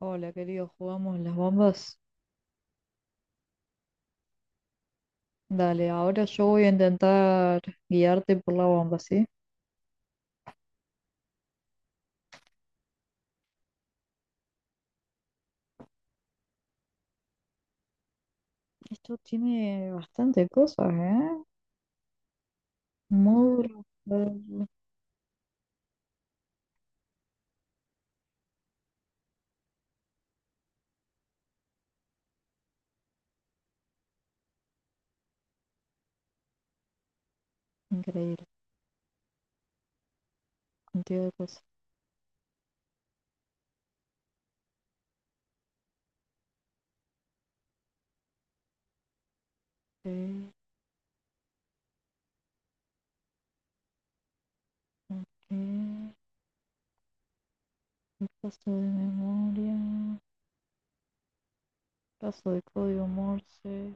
Hola, querido, ¿jugamos las bombas? Dale, ahora yo voy a intentar guiarte por la bomba, ¿sí? Esto tiene bastante cosas, ¿eh? Módulo, módulo, increíble, cantidad de cosas. Eh, ok, repaso de memoria, paso de código Morse,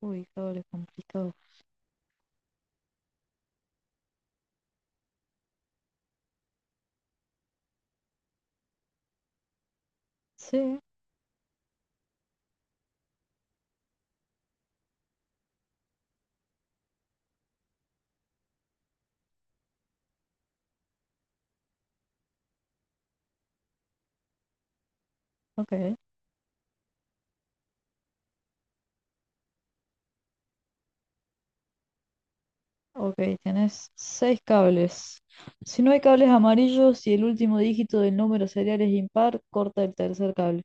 uy, cables complicados. Sí, ok, ok, tenés seis cables. Si no hay cables amarillos y el último dígito del número serial es impar, corta el tercer cable.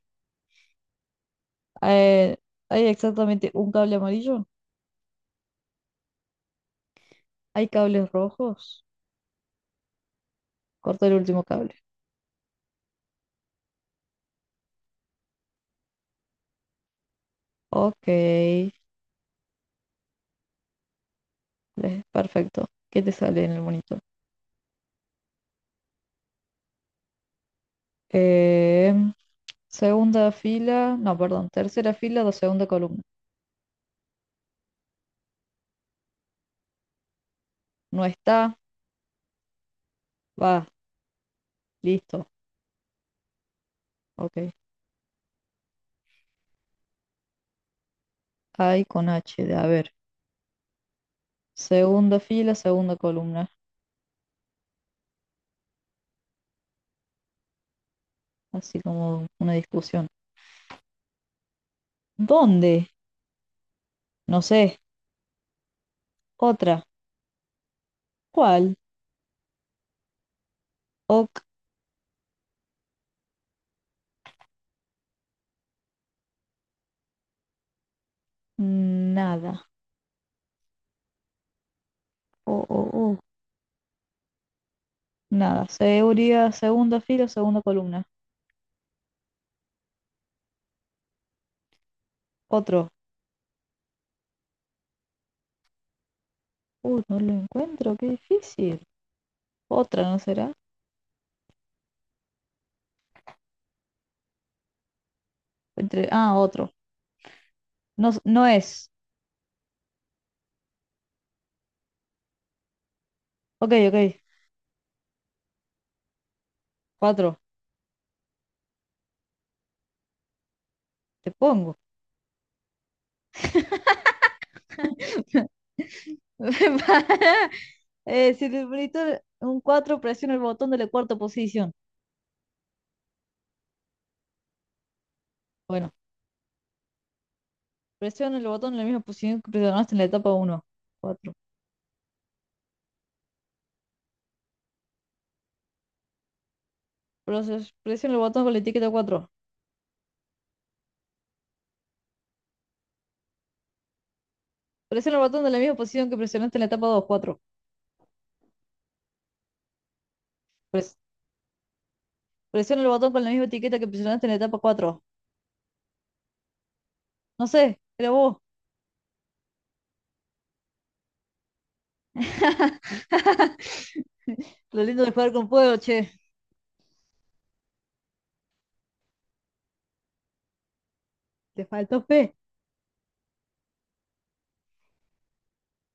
Eh, hay exactamente un cable amarillo. Hay cables rojos. Corta el último cable. Ok, perfecto. ¿Qué te sale en el monitor? Em, segunda fila, no, perdón, tercera fila, segunda columna. No está, va, listo. Ok. Hay con H, de a ver. Segunda fila, segunda columna. Así como una discusión. ¿Dónde? No sé. Otra. ¿Cuál? Ok, nada. Oh, oh, oh. Nada, seguridad, segundo filo, segunda columna. Otro. Uy, no lo encuentro, qué difícil. Otra, ¿no será? Entre... Ah, otro. No, no es. Ok, ok. Cuatro. Te pongo. Si el monitor un cuatro, presiona el botón de la cuarta posición. Bueno, presiona el botón en la misma posición que presionaste en la etapa uno cuatro. Presiona el botón con la etiqueta cuatro. Presiona el botón de la misma posición que presionaste en la etapa 2. 4. Presiona el botón con la misma etiqueta que presionaste en la etapa cuatro. No sé, pero vos, lo lindo de jugar con fuego, che, te faltó fe.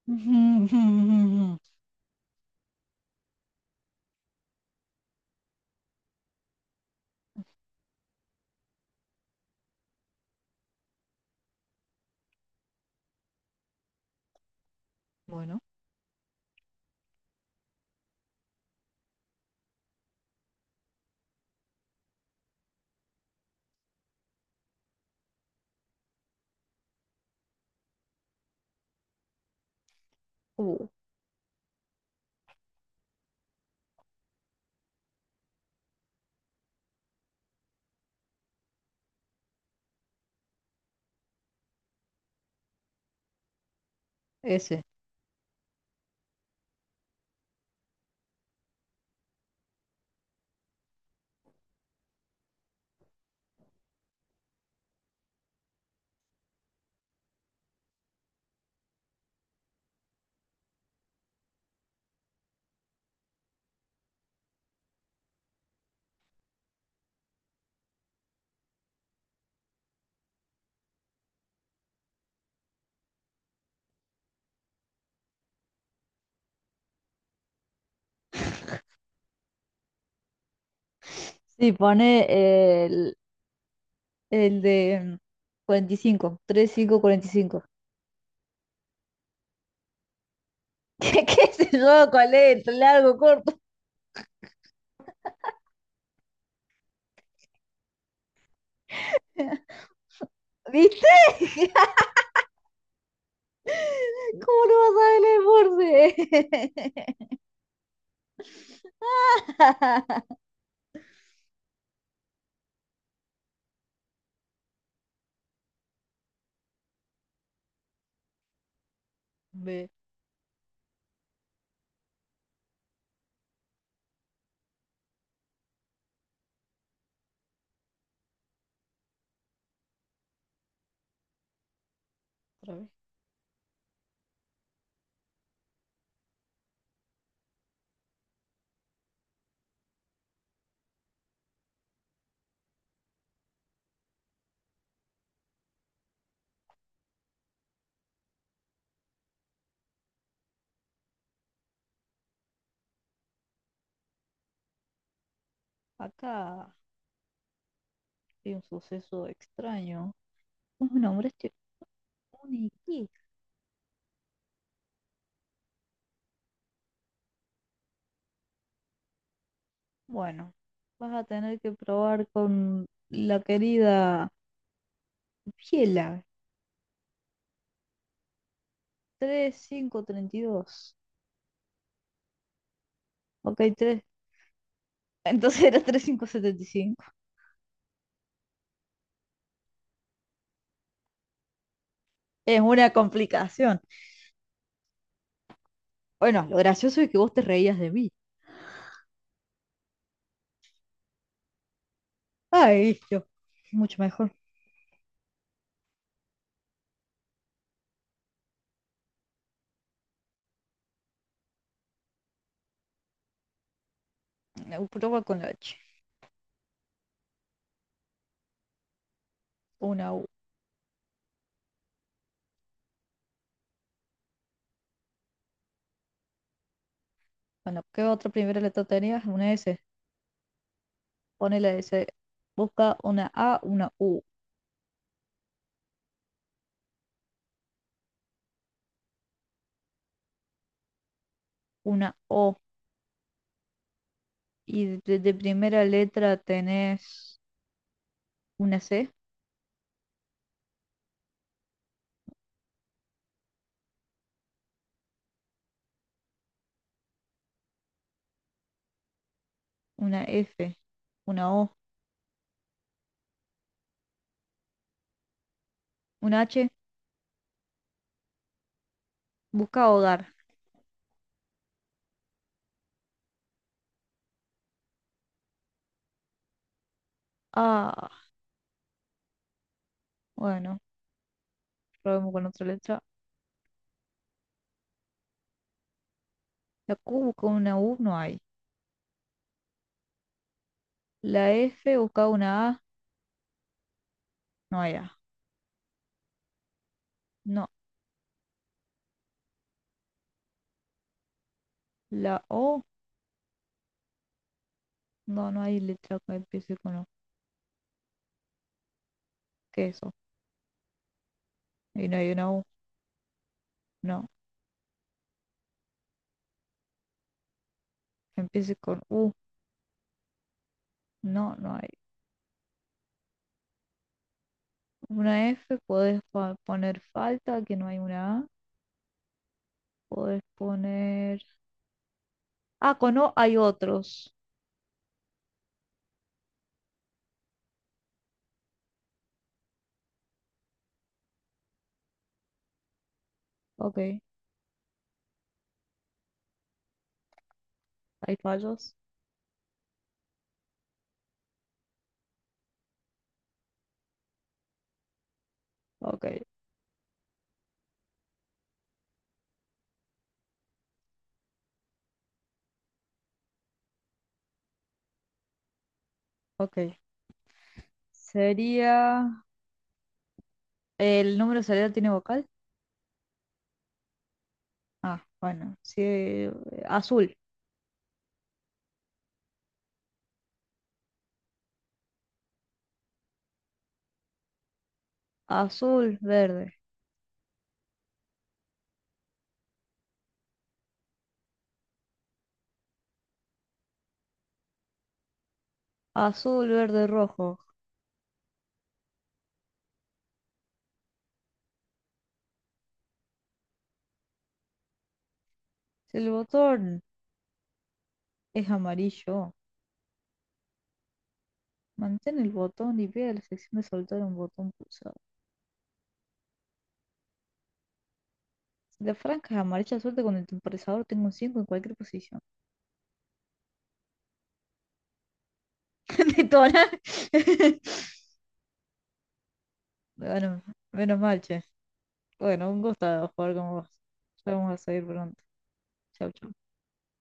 Bueno, uh, ese. Sí, pone el, el de 45, 3, 5, 45. ¿Qué, qué sé yo? ¿Cuál es? ¿Entre largo, corto? ¿Viste? ¿Cómo no vas a ver el Morse? Ve, otra vez. Acá hay un suceso extraño. Un hombre este único. Bueno, vas a tener que probar con la querida Biela. Treinta y cinco, treinta y dos. Ok, tres. Entonces era treinta y cinco, setenta y cinco. Es una complicación. Bueno, lo gracioso es que vos te reías de mí. Ay, yo. Mucho mejor. Prueba con la H. Una U. Bueno, ¿qué otra primera letra tenías? Una S. Pone la S. Busca una A, una U, una O. Y de primera letra tenés una C, una F. Una O, una H, busca hogar. Ah, bueno, probemos con otra letra. La Q busca una U, no hay. La F busca una A, no hay A. No, la O, no, no hay letra que empiece con O. ¿Qué es eso? Y no hay una U, no. Que empiece con U, no, no hay. Una F, podés poner falta, que no hay una A. Podés poner... Ah, con O hay otros. Ok, hay fallos. Ok, ok. Sería... ¿El número serial tiene vocal? Ah, bueno, sí, azul, azul, verde, azul, verde, rojo. Si el botón es amarillo, mantén el botón y ve a la sección de soltar un botón pulsado. Si la franja es amarilla, suelta con el temporizador, tengo un 5 en cualquier posición. Detona. Bueno, menos mal, che. Bueno, un gusto jugar con vos. Ya vamos a seguir pronto. Chau, chau.